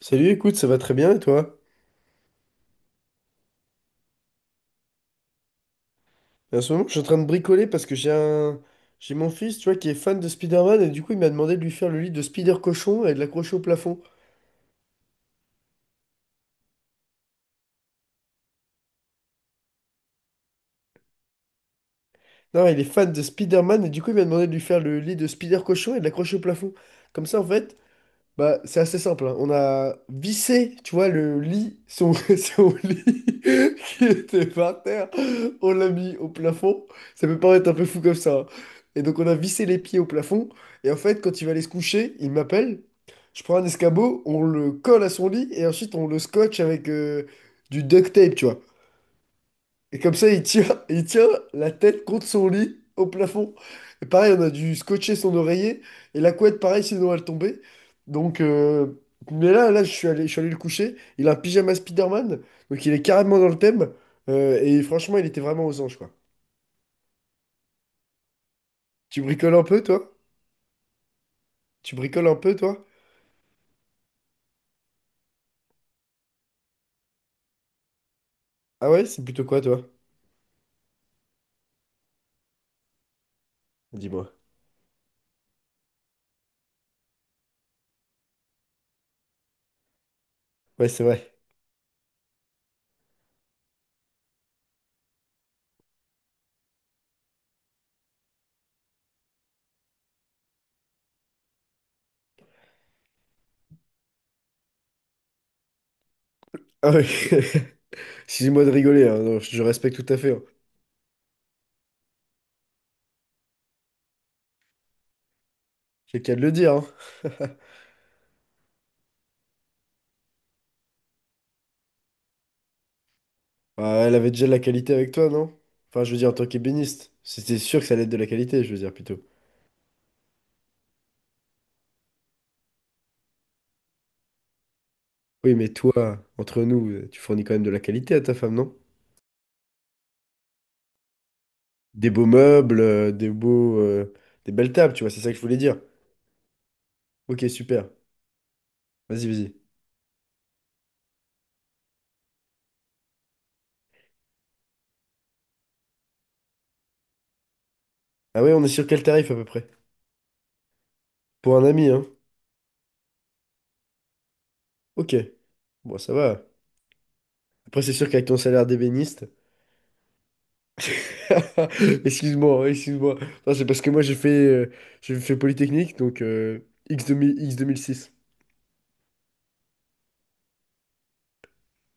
Salut, écoute, ça va très bien et toi? En ce moment, je suis en train de bricoler parce que j'ai mon fils, tu vois, qui est fan de Spider-Man et du coup, il m'a demandé de lui faire le lit de Spider-Cochon et de l'accrocher au plafond. Non, il est fan de Spider-Man et du coup, il m'a demandé de lui faire le lit de Spider-Cochon et de l'accrocher au plafond. Comme ça, en fait, bah, c'est assez simple, hein. On a vissé, tu vois, le lit, son, son lit qui était par terre. On l'a mis au plafond. Ça peut paraître un peu fou comme ça, hein. Et donc, on a vissé les pieds au plafond. Et en fait, quand il va aller se coucher, il m'appelle. Je prends un escabeau, on le colle à son lit et ensuite on le scotche avec du duct tape, tu vois. Et comme ça, il tient, il tient la tête contre son lit au plafond. Et pareil, on a dû scotcher son oreiller. Et la couette, pareil, sinon elle tombait. Donc, mais là, je suis allé le coucher. Il a un pyjama Spider-Man. Donc, il est carrément dans le thème. Et franchement, il était vraiment aux anges, quoi. Tu bricoles un peu, toi? Tu bricoles un peu, toi? Ah ouais, c'est plutôt quoi, toi? Dis-moi. Ouais, c'est vrai. Ah ouais. Excusez-moi de rigoler, hein. Non, je respecte tout à fait, hein. J'ai qu'à le dire, hein. Bah, elle avait déjà de la qualité avec toi, non? Enfin, je veux dire, en tant qu'ébéniste, c'était sûr que ça allait être de la qualité, je veux dire plutôt. Oui, mais toi, entre nous, tu fournis quand même de la qualité à ta femme, non? Des beaux meubles, des belles tables, tu vois, c'est ça que je voulais dire. Ok, super. Vas-y, vas-y. Ah ouais, on est sur quel tarif à peu près? Pour un ami, hein? Ok. Bon, ça va. Après, c'est sûr qu'avec ton salaire d'ébéniste. Excuse-moi, hein, excuse-moi. Non, c'est parce que moi, j'ai fait Polytechnique, donc X2000, X2006.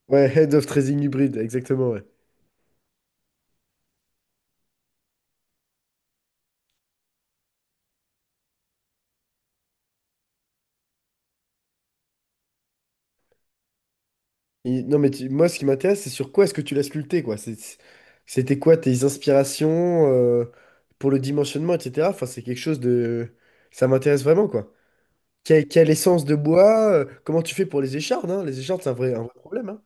Ouais, Head of Trading Hybrid, exactement, ouais. Non, moi, ce qui m'intéresse, c'est sur quoi est-ce que tu l'as sculpté, quoi. C'était quoi tes inspirations, pour le dimensionnement, etc. Enfin, c'est quelque chose de... Ça m'intéresse vraiment, quoi. Quelle essence de bois? Comment tu fais pour les échardes, hein? Les échardes, c'est un vrai problème, hein.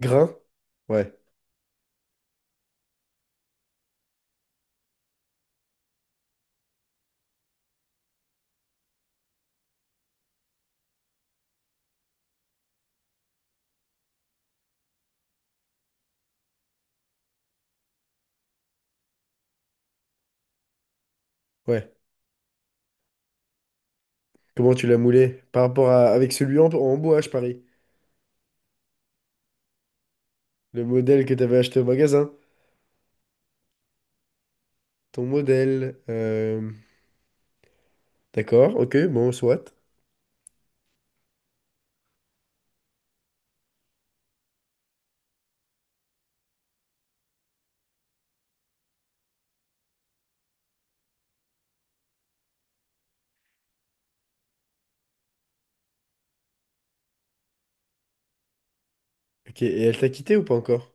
Grain? Ouais, ouais. Comment tu l'as moulé? Par rapport à... avec celui en bois, je parie. Le modèle que tu avais acheté au magasin. Ton modèle... D'accord, ok, bon, soit. Ok, et elle t'a quitté ou pas encore?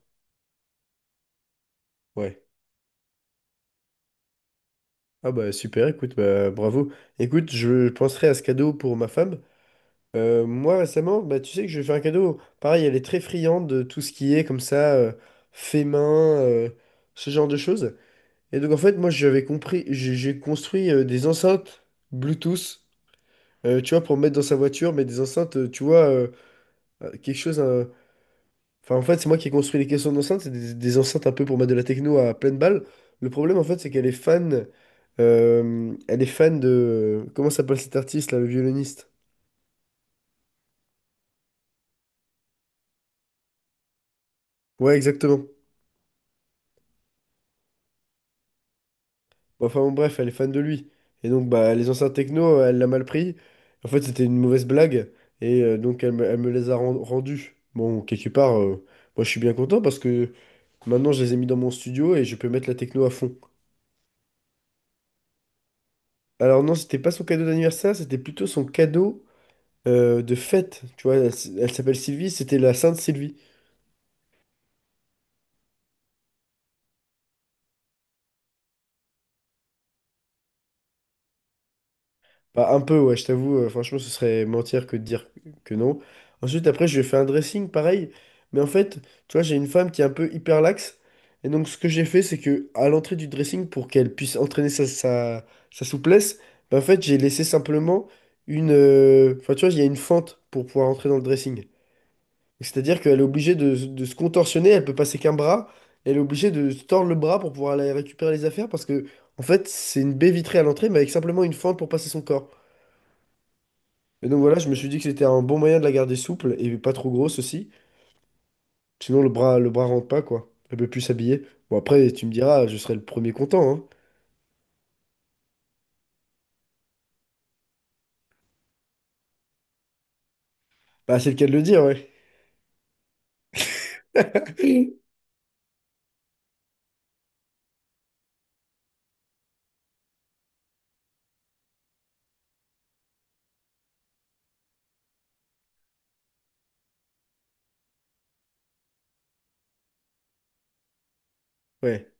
Ouais. Ah bah super, écoute, bah bravo. Écoute, je penserai à ce cadeau pour ma femme. Moi récemment, bah tu sais que je lui ai fait un cadeau. Pareil, elle est très friande de tout ce qui est comme ça, fait main, ce genre de choses. Et donc en fait, moi j'avais compris, j'ai construit des enceintes Bluetooth, tu vois, pour mettre dans sa voiture, mais des enceintes, tu vois, quelque chose, enfin, en fait, c'est moi qui ai construit les caissons d'enceinte. C'est des enceintes un peu pour mettre de la techno à pleine balle. Le problème, en fait, c'est qu'elle est fan. Elle est fan de. Comment s'appelle cet artiste, là, le violoniste? Ouais, exactement. Bon, enfin, bon, bref, elle est fan de lui. Et donc, bah, les enceintes techno, elle l'a mal pris. En fait, c'était une mauvaise blague. Et donc, elle me les a rendues. Bon, quelque part, moi, je suis bien content parce que maintenant, je les ai mis dans mon studio et je peux mettre la techno à fond. Alors, non, c'était pas son cadeau d'anniversaire, c'était plutôt son cadeau, de fête, tu vois, elle s'appelle Sylvie, c'était la Sainte Sylvie. Bah, un peu, ouais, je t'avoue, franchement, ce serait mentir que de dire que non. Ensuite, après, je lui ai fait un dressing, pareil, mais en fait, tu vois, j'ai une femme qui est un peu hyper laxe, et donc ce que j'ai fait, c'est que à l'entrée du dressing, pour qu'elle puisse entraîner sa souplesse, bah, en fait, j'ai laissé simplement une... Enfin, tu vois, il y a une fente pour pouvoir entrer dans le dressing. C'est-à-dire qu'elle est obligée de se contorsionner, elle peut passer qu'un bras, elle est obligée de se tordre le bras pour pouvoir aller récupérer les affaires parce que, en fait, c'est une baie vitrée à l'entrée, mais avec simplement une fente pour passer son corps. Et donc voilà, je me suis dit que c'était un bon moyen de la garder souple et pas trop grosse aussi. Sinon, le bras rentre pas, quoi. Elle peut plus s'habiller. Bon, après, tu me diras, je serai le premier content, hein. Bah, c'est le cas de le dire, ouais. Ouais,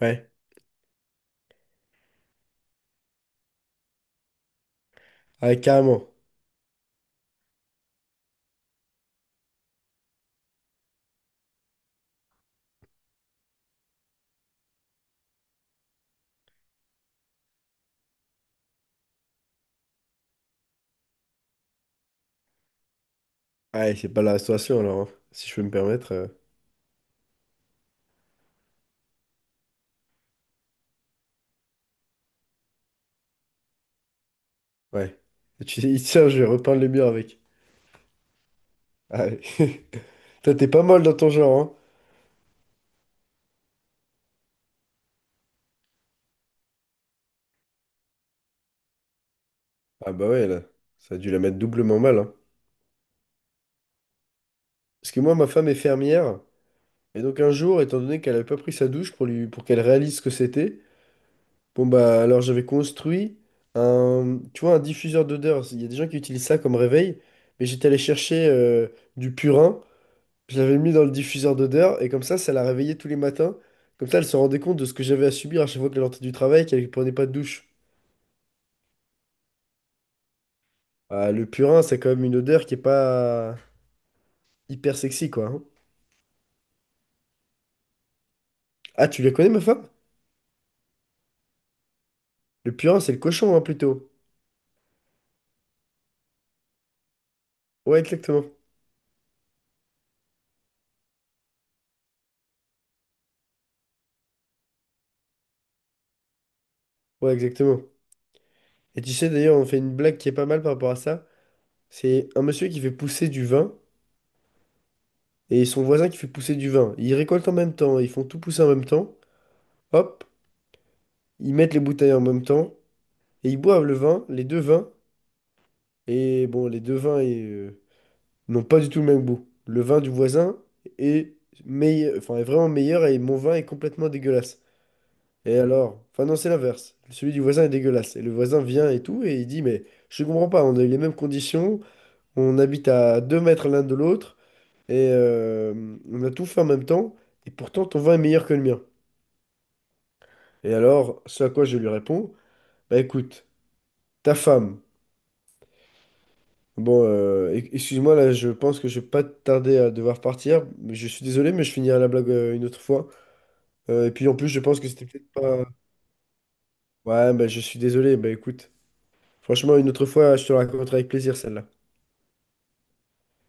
ouais. Ah ouais, carrément. Ah ouais, c'est pas la restauration, alors, hein, si je peux me permettre. Ouais. Tu sais, tiens, je vais repeindre les murs avec. Ah, ouais. Toi, t'es pas mal dans ton genre, hein? Ah bah ouais, là, ça a dû la mettre doublement mal, hein. Parce que moi, ma femme est fermière, et donc un jour, étant donné qu'elle avait pas pris sa douche pour lui, pour qu'elle réalise ce que c'était, bon bah alors j'avais construit un, tu vois, un diffuseur d'odeur. Il y a des gens qui utilisent ça comme réveil, mais j'étais allé chercher du purin, je l'avais mis dans le diffuseur d'odeur, et comme ça la réveillait tous les matins. Comme ça, elle se rendait compte de ce que j'avais à subir à chaque fois qu'elle rentrait du travail, qu'elle prenait pas de douche. Ah, le purin, c'est quand même une odeur qui est pas hyper sexy, quoi, hein. Ah, tu la connais, ma femme? Le purin, c'est le cochon, hein, plutôt. Ouais, exactement. Ouais, exactement. Et tu sais, d'ailleurs, on fait une blague qui est pas mal par rapport à ça. C'est un monsieur qui fait pousser du vin et son voisin qui fait pousser du vin. Ils récoltent en même temps, ils font tout pousser en même temps. Hop, ils mettent les bouteilles en même temps et ils boivent le vin, les deux vins. Et bon, les deux vins n'ont pas du tout le même goût. Le vin du voisin est meilleur, enfin, est vraiment meilleur et mon vin est complètement dégueulasse. Et alors? Enfin non, c'est l'inverse. Celui du voisin est dégueulasse. Et le voisin vient et tout, et il dit, mais je comprends pas, on a eu les mêmes conditions, on habite à 2 mètres l'un de l'autre, et on a tout fait en même temps, et pourtant ton vin est meilleur que le mien. Et alors, ce à quoi je lui réponds, bah écoute, ta femme, bon, excuse-moi, là, je pense que je vais pas tarder à devoir partir, mais je suis désolé, mais je finirai la blague une autre fois. Et puis en plus, je pense que c'était peut-être pas... Ouais, bah je suis désolé, bah écoute, franchement, une autre fois, je te la raconterai avec plaisir, celle-là.